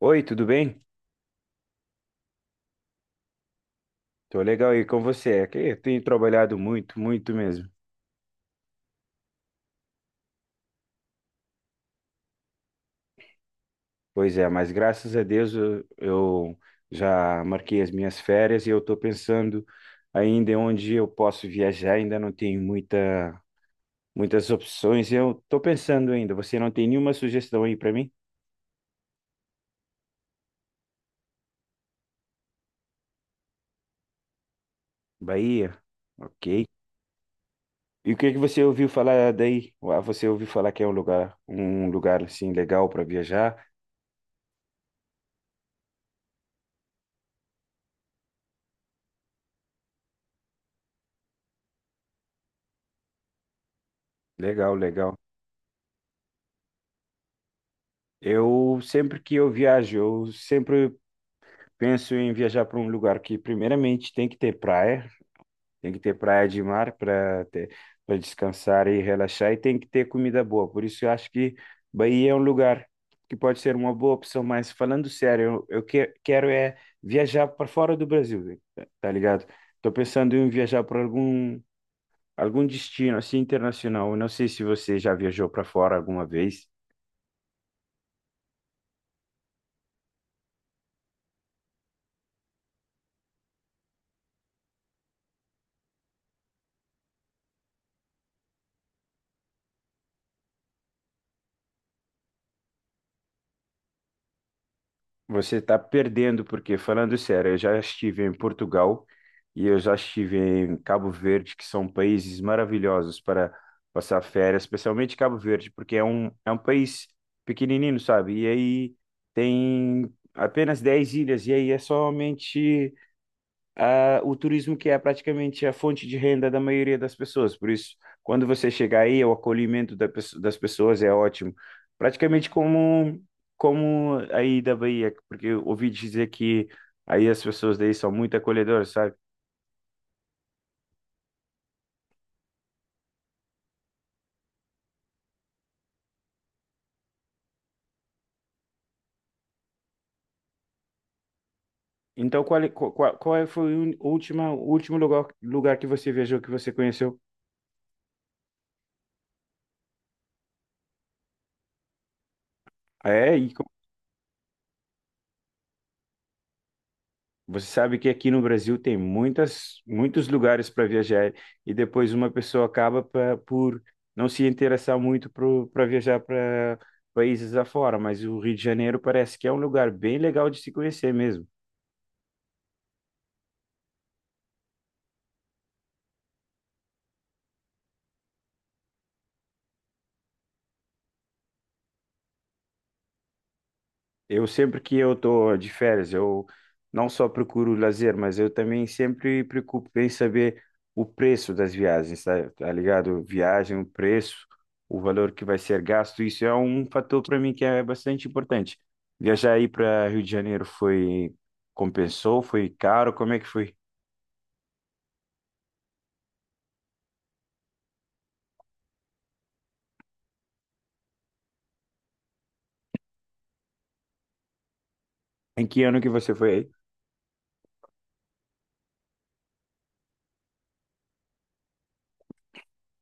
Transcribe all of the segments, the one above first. Oi, tudo bem? Tô legal aí com você. É que eu tenho trabalhado muito, muito mesmo. Pois é, mas graças a Deus eu já marquei as minhas férias e eu tô pensando ainda em onde eu posso viajar. Ainda não tenho muitas opções. Eu tô pensando ainda. Você não tem nenhuma sugestão aí para mim? Bahia? Ok. E o que que você ouviu falar daí? Você ouviu falar que é um lugar assim legal para viajar? Legal, legal. Eu sempre que eu viajo, eu sempre penso em viajar para um lugar que, primeiramente, tem que ter praia, tem que ter praia de mar para ter, para descansar e relaxar, e tem que ter comida boa. Por isso, eu acho que Bahia é um lugar que pode ser uma boa opção. Mas, falando sério, quero é viajar para fora do Brasil, tá ligado? Estou pensando em viajar para algum destino assim internacional. Eu não sei se você já viajou para fora alguma vez. Você está perdendo, porque, falando sério, eu já estive em Portugal e eu já estive em Cabo Verde, que são países maravilhosos para passar férias, especialmente Cabo Verde, porque é um país pequenininho, sabe? E aí tem apenas 10 ilhas, e aí é somente o turismo que é praticamente a fonte de renda da maioria das pessoas. Por isso, quando você chegar aí, o acolhimento das pessoas é ótimo. Praticamente como aí da Bahia, porque eu ouvi dizer que aí as pessoas daí são muito acolhedoras, sabe? Então, qual, é- qual, qual qual é, foi o última, o último lugar que você viajou, que você conheceu? É, e você sabe que aqui no Brasil tem muitos lugares para viajar e depois uma pessoa acaba por não se interessar muito para viajar para países afora, mas o Rio de Janeiro parece que é um lugar bem legal de se conhecer mesmo. Eu sempre que eu estou de férias, eu não só procuro lazer, mas eu também sempre preocupo em saber o preço das viagens, tá ligado? Viagem, o preço, o valor que vai ser gasto, isso é um fator para mim que é bastante importante. Viajar aí para Rio de Janeiro foi compensou, foi caro, como é que foi? Em que ano que você foi aí?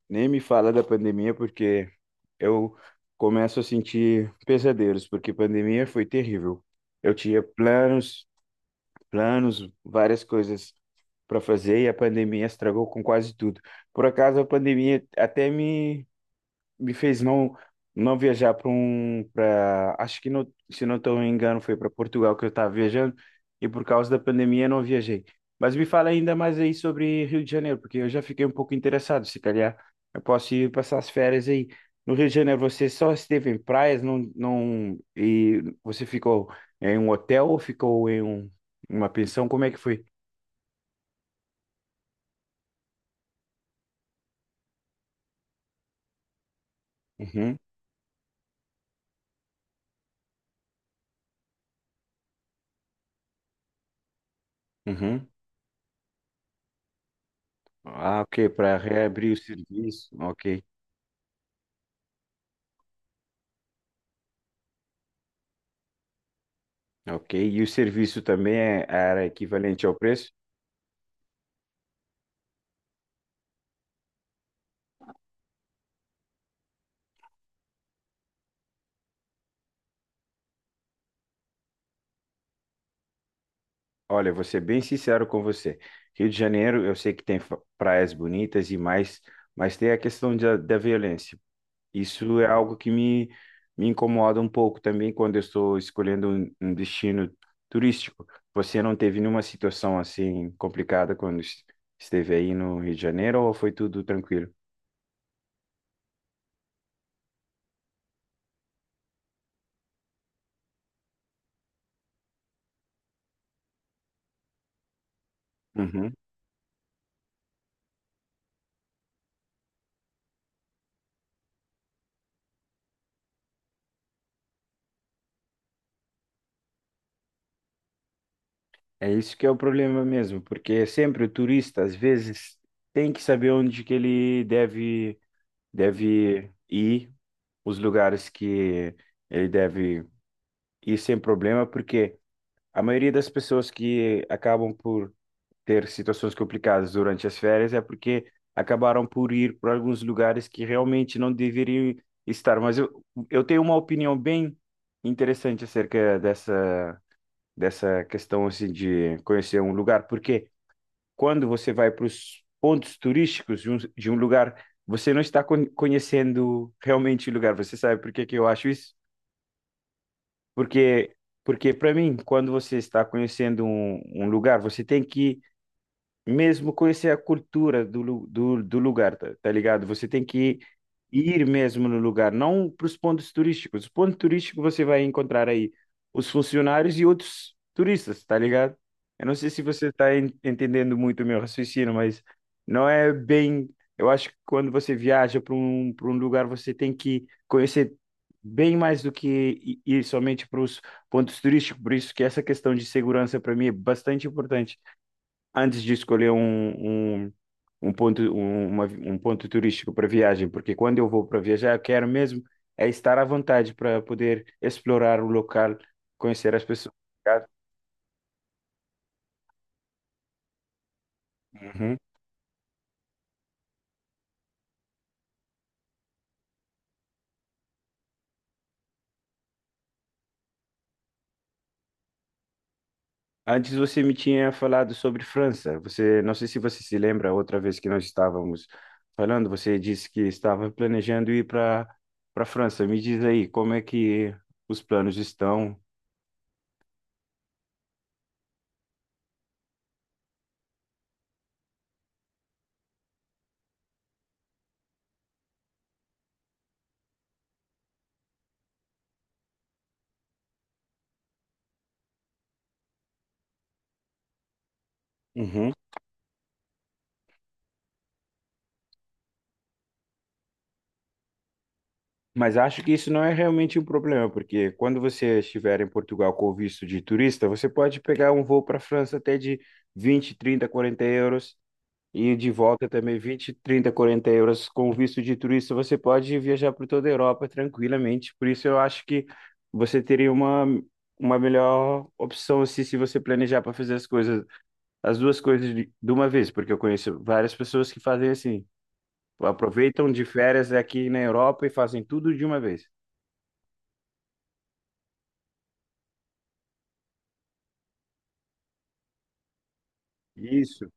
Nem me fala da pandemia porque eu começo a sentir pesadelos, porque pandemia foi terrível. Eu tinha planos, várias coisas para fazer e a pandemia estragou com quase tudo. Por acaso, a pandemia até me fez não viajar para um para acho que não, se não estou me engano foi para Portugal que eu estava viajando e por causa da pandemia eu não viajei. Mas me fala ainda mais aí sobre Rio de Janeiro, porque eu já fiquei um pouco interessado, se calhar eu posso ir passar as férias aí. No Rio de Janeiro você só esteve em praias, não e você ficou em um hotel ou ficou em uma pensão? Como é que foi? Uhum, uhum. Ah, ok, para reabrir o serviço. Ok. Ok, e o serviço também era equivalente ao preço? Olha, vou ser bem sincero com você. Rio de Janeiro, eu sei que tem praias bonitas e mais, mas tem a questão da violência. Isso é algo que me incomoda um pouco também quando eu estou escolhendo um destino turístico. Você não teve nenhuma situação assim complicada quando esteve aí no Rio de Janeiro ou foi tudo tranquilo? Uhum. É isso que é o problema mesmo, porque sempre o turista, às vezes, tem que saber onde que ele deve ir, os lugares que ele deve ir sem problema, porque a maioria das pessoas que acabam por ter situações complicadas durante as férias é porque acabaram por ir para alguns lugares que realmente não deveriam estar. Eu tenho uma opinião bem interessante acerca dessa questão assim, de conhecer um lugar, porque quando você vai para os pontos turísticos de um lugar, você não está conhecendo realmente o lugar. Você sabe por que que eu acho isso? Porque, porque para mim, quando você está conhecendo um lugar, você tem que mesmo conhecer a cultura do lugar, tá ligado? Você tem que ir mesmo no lugar, não para os pontos turísticos. Os pontos turísticos você vai encontrar aí os funcionários e outros turistas, tá ligado? Eu não sei se você está entendendo muito o meu raciocínio, mas não é bem. Eu acho que quando você viaja para para um lugar, você tem que conhecer bem mais do que ir somente para os pontos turísticos. Por isso que essa questão de segurança para mim é bastante importante antes de escolher um um ponto turístico para viagem, porque quando eu vou para viajar, eu quero mesmo é estar à vontade para poder explorar o local, conhecer as pessoas. Tá? Uhum. Antes você me tinha falado sobre França. Você, não sei se você se lembra, outra vez que nós estávamos falando, você disse que estava planejando ir para França. Me diz aí, como é que os planos estão? Mas acho que isso não é realmente um problema, porque quando você estiver em Portugal com o visto de turista, você pode pegar um voo para a França até de 20, 30, 40 euros e de volta também 20, 30, 40 euros com o visto de turista, você pode viajar por toda a Europa tranquilamente. Por isso eu acho que você teria uma melhor opção assim, se você planejar para fazer as coisas, as duas coisas de uma vez, porque eu conheço várias pessoas que fazem assim, aproveitam de férias aqui na Europa e fazem tudo de uma vez. Isso.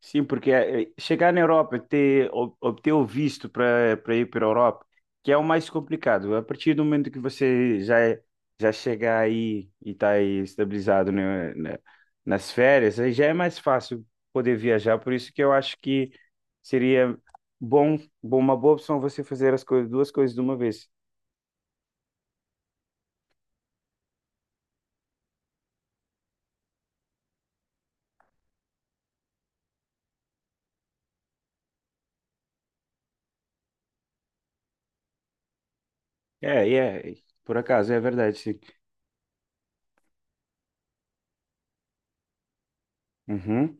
Sim, porque chegar na Europa, obter o visto para ir para a Europa, que é o mais complicado. A partir do momento que você já chegar aí e está aí estabilizado, né, nas férias, aí já é mais fácil poder viajar. Por isso que eu acho que seria uma boa opção você fazer as coisas, duas coisas de uma vez. É, e é, por acaso, é verdade, sim. Uhum.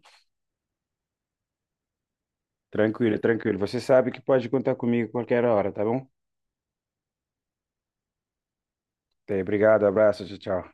Tranquilo, tranquilo. Você sabe que pode contar comigo a qualquer hora, tá bom? Até, obrigado, abraço, tchau, tchau.